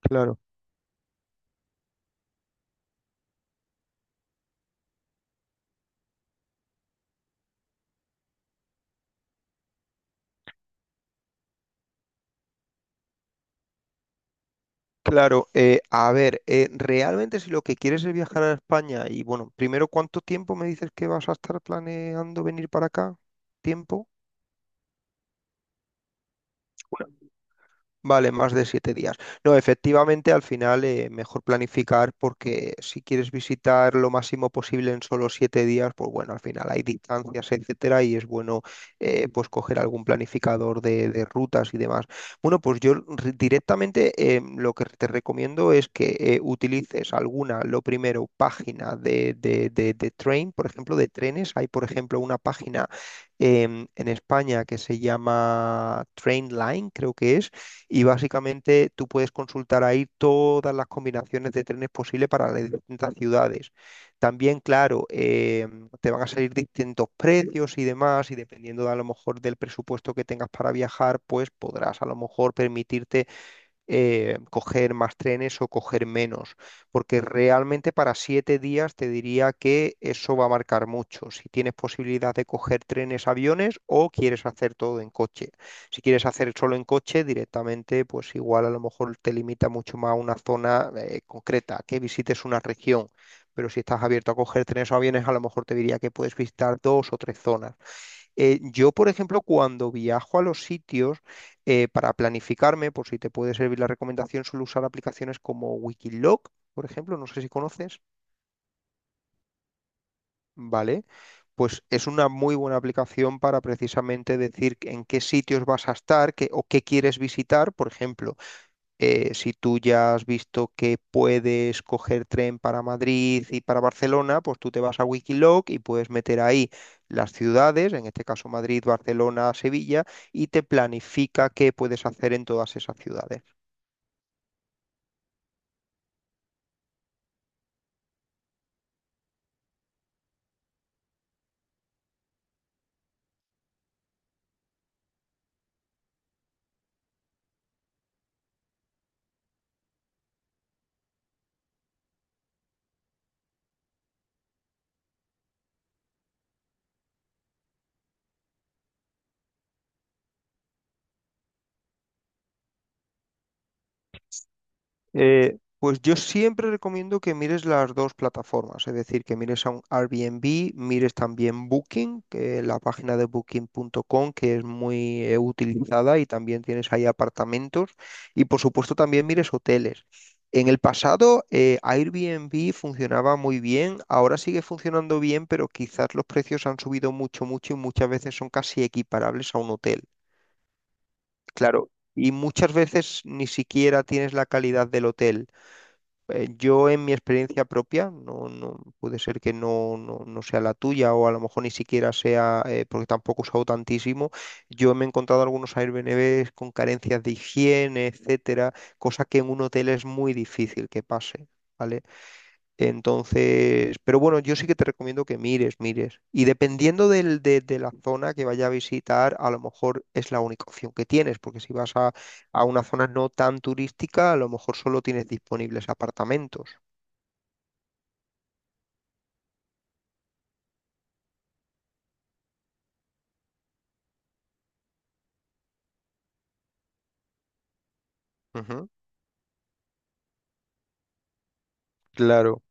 Claro, claro. A ver, realmente, si lo que quieres es viajar a España y bueno, primero, ¿cuánto tiempo me dices que vas a estar planeando venir para acá? ¿Tiempo? Vale, más de 7 días. No, efectivamente, al final, mejor planificar, porque si quieres visitar lo máximo posible en solo 7 días, pues bueno, al final hay distancias, etcétera, y es bueno, pues coger algún planificador de rutas y demás. Bueno, pues yo directamente, lo que te recomiendo es que utilices alguna, lo primero, página de train, por ejemplo, de trenes. Hay, por ejemplo, una página en España que se llama Trainline, creo que es. Y básicamente tú puedes consultar ahí todas las combinaciones de trenes posibles para las distintas ciudades. También, claro, te van a salir distintos precios y demás, y dependiendo de, a lo mejor, del presupuesto que tengas para viajar, pues podrás a lo mejor permitirte coger más trenes o coger menos, porque realmente para 7 días te diría que eso va a marcar mucho, si tienes posibilidad de coger trenes, aviones o quieres hacer todo en coche. Si quieres hacer solo en coche directamente, pues igual a lo mejor te limita mucho más a una zona concreta, que visites una región. Pero si estás abierto a coger trenes o aviones, a lo mejor te diría que puedes visitar dos o tres zonas. Yo, por ejemplo, cuando viajo a los sitios, para planificarme, por si te puede servir la recomendación, suelo usar aplicaciones como Wikiloc, por ejemplo. No sé si conoces, ¿vale? Pues es una muy buena aplicación para precisamente decir en qué sitios vas a estar o qué quieres visitar, por ejemplo. Si tú ya has visto que puedes coger tren para Madrid y para Barcelona, pues tú te vas a Wikiloc y puedes meter ahí las ciudades, en este caso Madrid, Barcelona, Sevilla, y te planifica qué puedes hacer en todas esas ciudades. Pues yo siempre recomiendo que mires las dos plataformas, es decir, que mires a un Airbnb, mires también Booking, que la página de booking.com, que es muy utilizada, y también tienes ahí apartamentos, y por supuesto también mires hoteles. En el pasado, Airbnb funcionaba muy bien, ahora sigue funcionando bien, pero quizás los precios han subido mucho, mucho, y muchas veces son casi equiparables a un hotel. Claro, y muchas veces ni siquiera tienes la calidad del hotel. Yo, en mi experiencia propia, no, no puede ser que no, no, no sea la tuya, o a lo mejor ni siquiera sea, porque tampoco he usado tantísimo, yo me he encontrado algunos Airbnbs con carencias de higiene, etcétera, cosa que en un hotel es muy difícil que pase, ¿vale? Entonces, pero bueno, yo sí que te recomiendo que mires, mires. Y dependiendo del, de la zona que vaya a visitar, a lo mejor es la única opción que tienes, porque si vas a una zona no tan turística, a lo mejor solo tienes disponibles apartamentos. Ujú. Claro.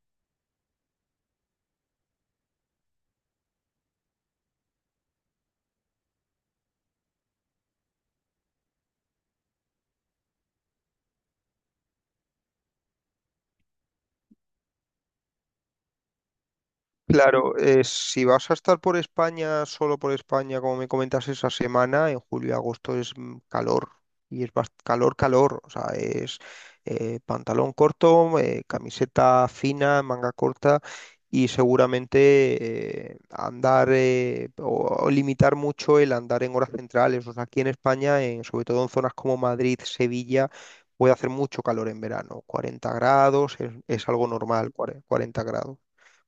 Claro, si vas a estar por España, solo por España, como me comentas esa semana, en julio y agosto es calor. Y es calor, calor. O sea, es pantalón corto, camiseta fina, manga corta. Y seguramente andar, o limitar mucho el andar en horas centrales. O sea, aquí en España, sobre todo en zonas como Madrid, Sevilla, puede hacer mucho calor en verano. 40 grados es algo normal, 40 grados,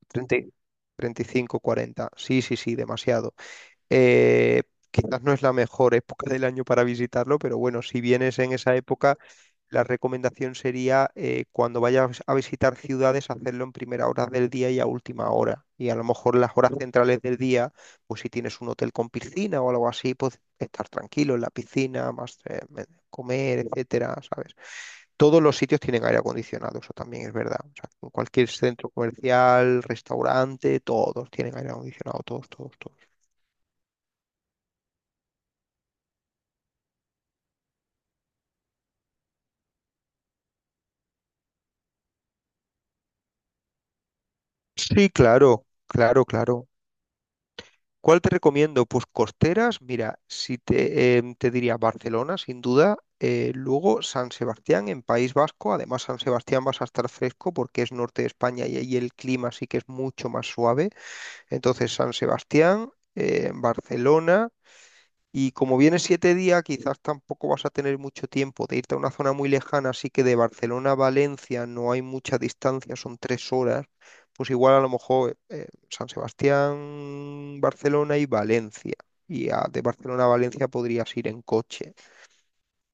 30, 35, 40. Sí, sí, sí, demasiado. Eh, Quizás no es la mejor época del año para visitarlo, pero bueno, si vienes en esa época, la recomendación sería, cuando vayas a visitar ciudades, hacerlo en primera hora del día y a última hora. Y a lo mejor las horas centrales del día, pues si tienes un hotel con piscina o algo así, pues estar tranquilo en la piscina, más comer, etcétera, ¿sabes? Todos los sitios tienen aire acondicionado, eso también es verdad. O sea, en cualquier centro comercial, restaurante, todos tienen aire acondicionado, todos, todos, todos. Sí, claro, claro, claro. ¿Cuál te recomiendo? Pues costeras, mira, si te diría Barcelona, sin duda. Luego San Sebastián en País Vasco, además San Sebastián vas a estar fresco porque es norte de España y ahí el clima sí que es mucho más suave. Entonces, San Sebastián, Barcelona. Y como vienes 7 días, quizás tampoco vas a tener mucho tiempo de irte a una zona muy lejana, así que de Barcelona a Valencia no hay mucha distancia, son 3 horas. Pues igual a lo mejor, San Sebastián, Barcelona y Valencia. Y de Barcelona a Valencia podrías ir en coche.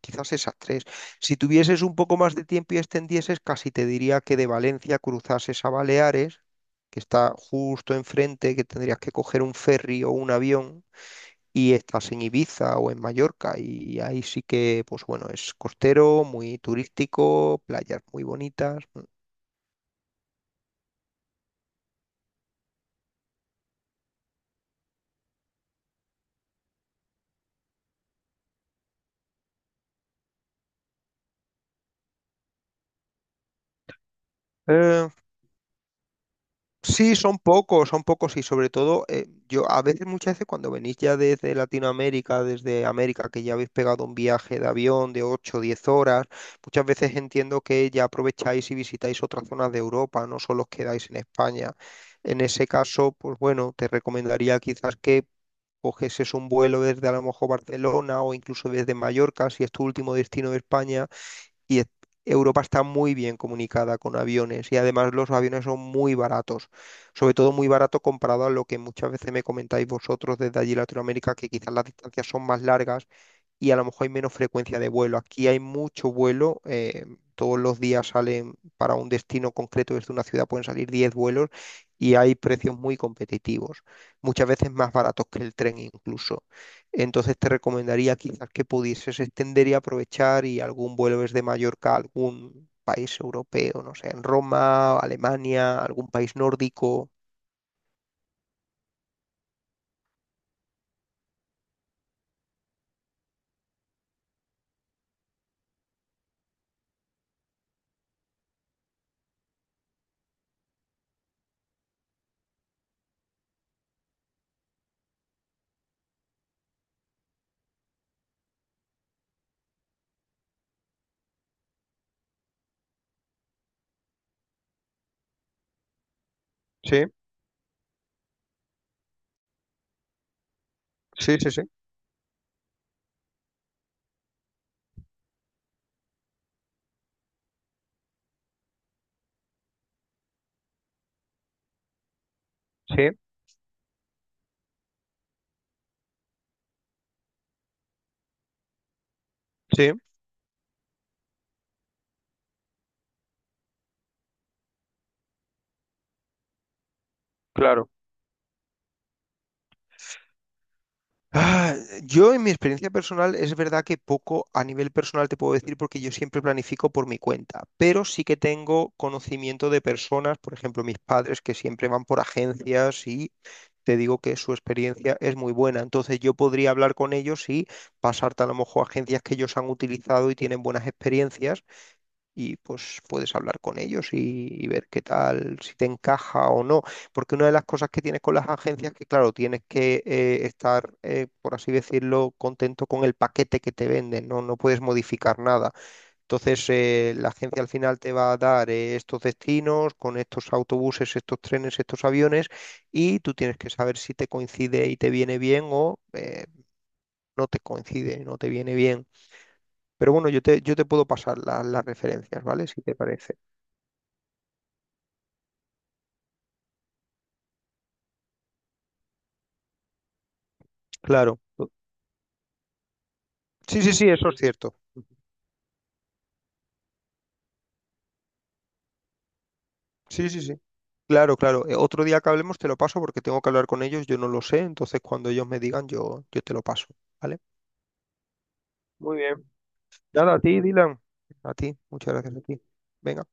Quizás esas tres. Si tuvieses un poco más de tiempo y extendieses, casi te diría que de Valencia cruzases a Baleares, que está justo enfrente, que tendrías que coger un ferry o un avión, y estás en Ibiza o en Mallorca, y ahí sí que, pues bueno, es costero, muy turístico, playas muy bonitas, ¿no? Eh, sí, son pocos, son pocos, y sobre todo, yo a veces, muchas veces, cuando venís ya desde Latinoamérica, desde América, que ya habéis pegado un viaje de avión de ocho o 10 horas, muchas veces entiendo que ya aprovecháis y visitáis otras zonas de Europa, no solo os quedáis en España. En ese caso, pues bueno, te recomendaría quizás que coges es un vuelo desde a lo mejor Barcelona, o incluso desde Mallorca, si es tu último destino de España, y es- Europa está muy bien comunicada con aviones, y además los aviones son muy baratos, sobre todo muy barato comparado a lo que muchas veces me comentáis vosotros desde allí Latinoamérica, que quizás las distancias son más largas y a lo mejor hay menos frecuencia de vuelo. Aquí hay mucho vuelo. Todos los días salen para un destino concreto desde una ciudad, pueden salir 10 vuelos y hay precios muy competitivos, muchas veces más baratos que el tren incluso. Entonces te recomendaría quizás que pudieses extender y aprovechar y algún vuelo desde Mallorca a algún país europeo, no sé, en Roma, Alemania, algún país nórdico. Sí, sí, sí, sí, sí, sí, claro. Ah, yo en mi experiencia personal, es verdad que poco a nivel personal te puedo decir porque yo siempre planifico por mi cuenta, pero sí que tengo conocimiento de personas, por ejemplo mis padres, que siempre van por agencias, y te digo que su experiencia es muy buena. Entonces yo podría hablar con ellos y pasarte a lo mejor a agencias que ellos han utilizado y tienen buenas experiencias, y pues puedes hablar con ellos y ver qué tal, si te encaja o no. Porque una de las cosas que tienes con las agencias es que, claro, tienes que estar, por así decirlo, contento con el paquete que te venden, ¿no? No puedes modificar nada. Entonces, la agencia al final te va a dar estos destinos con estos autobuses, estos trenes, estos aviones, y tú tienes que saber si te coincide y te viene bien, o no te coincide, no te viene bien. Pero bueno, yo te puedo pasar las referencias, ¿vale? Si te parece. Claro. Sí, sí, sí, eso es cierto. Sí, sí, sí. Claro, claro. Otro día que hablemos te lo paso, porque tengo que hablar con ellos, yo no lo sé. Entonces, cuando ellos me digan, yo te lo paso, ¿vale? Muy bien. Nada, a ti, Dylan. A ti, muchas gracias a ti. Venga.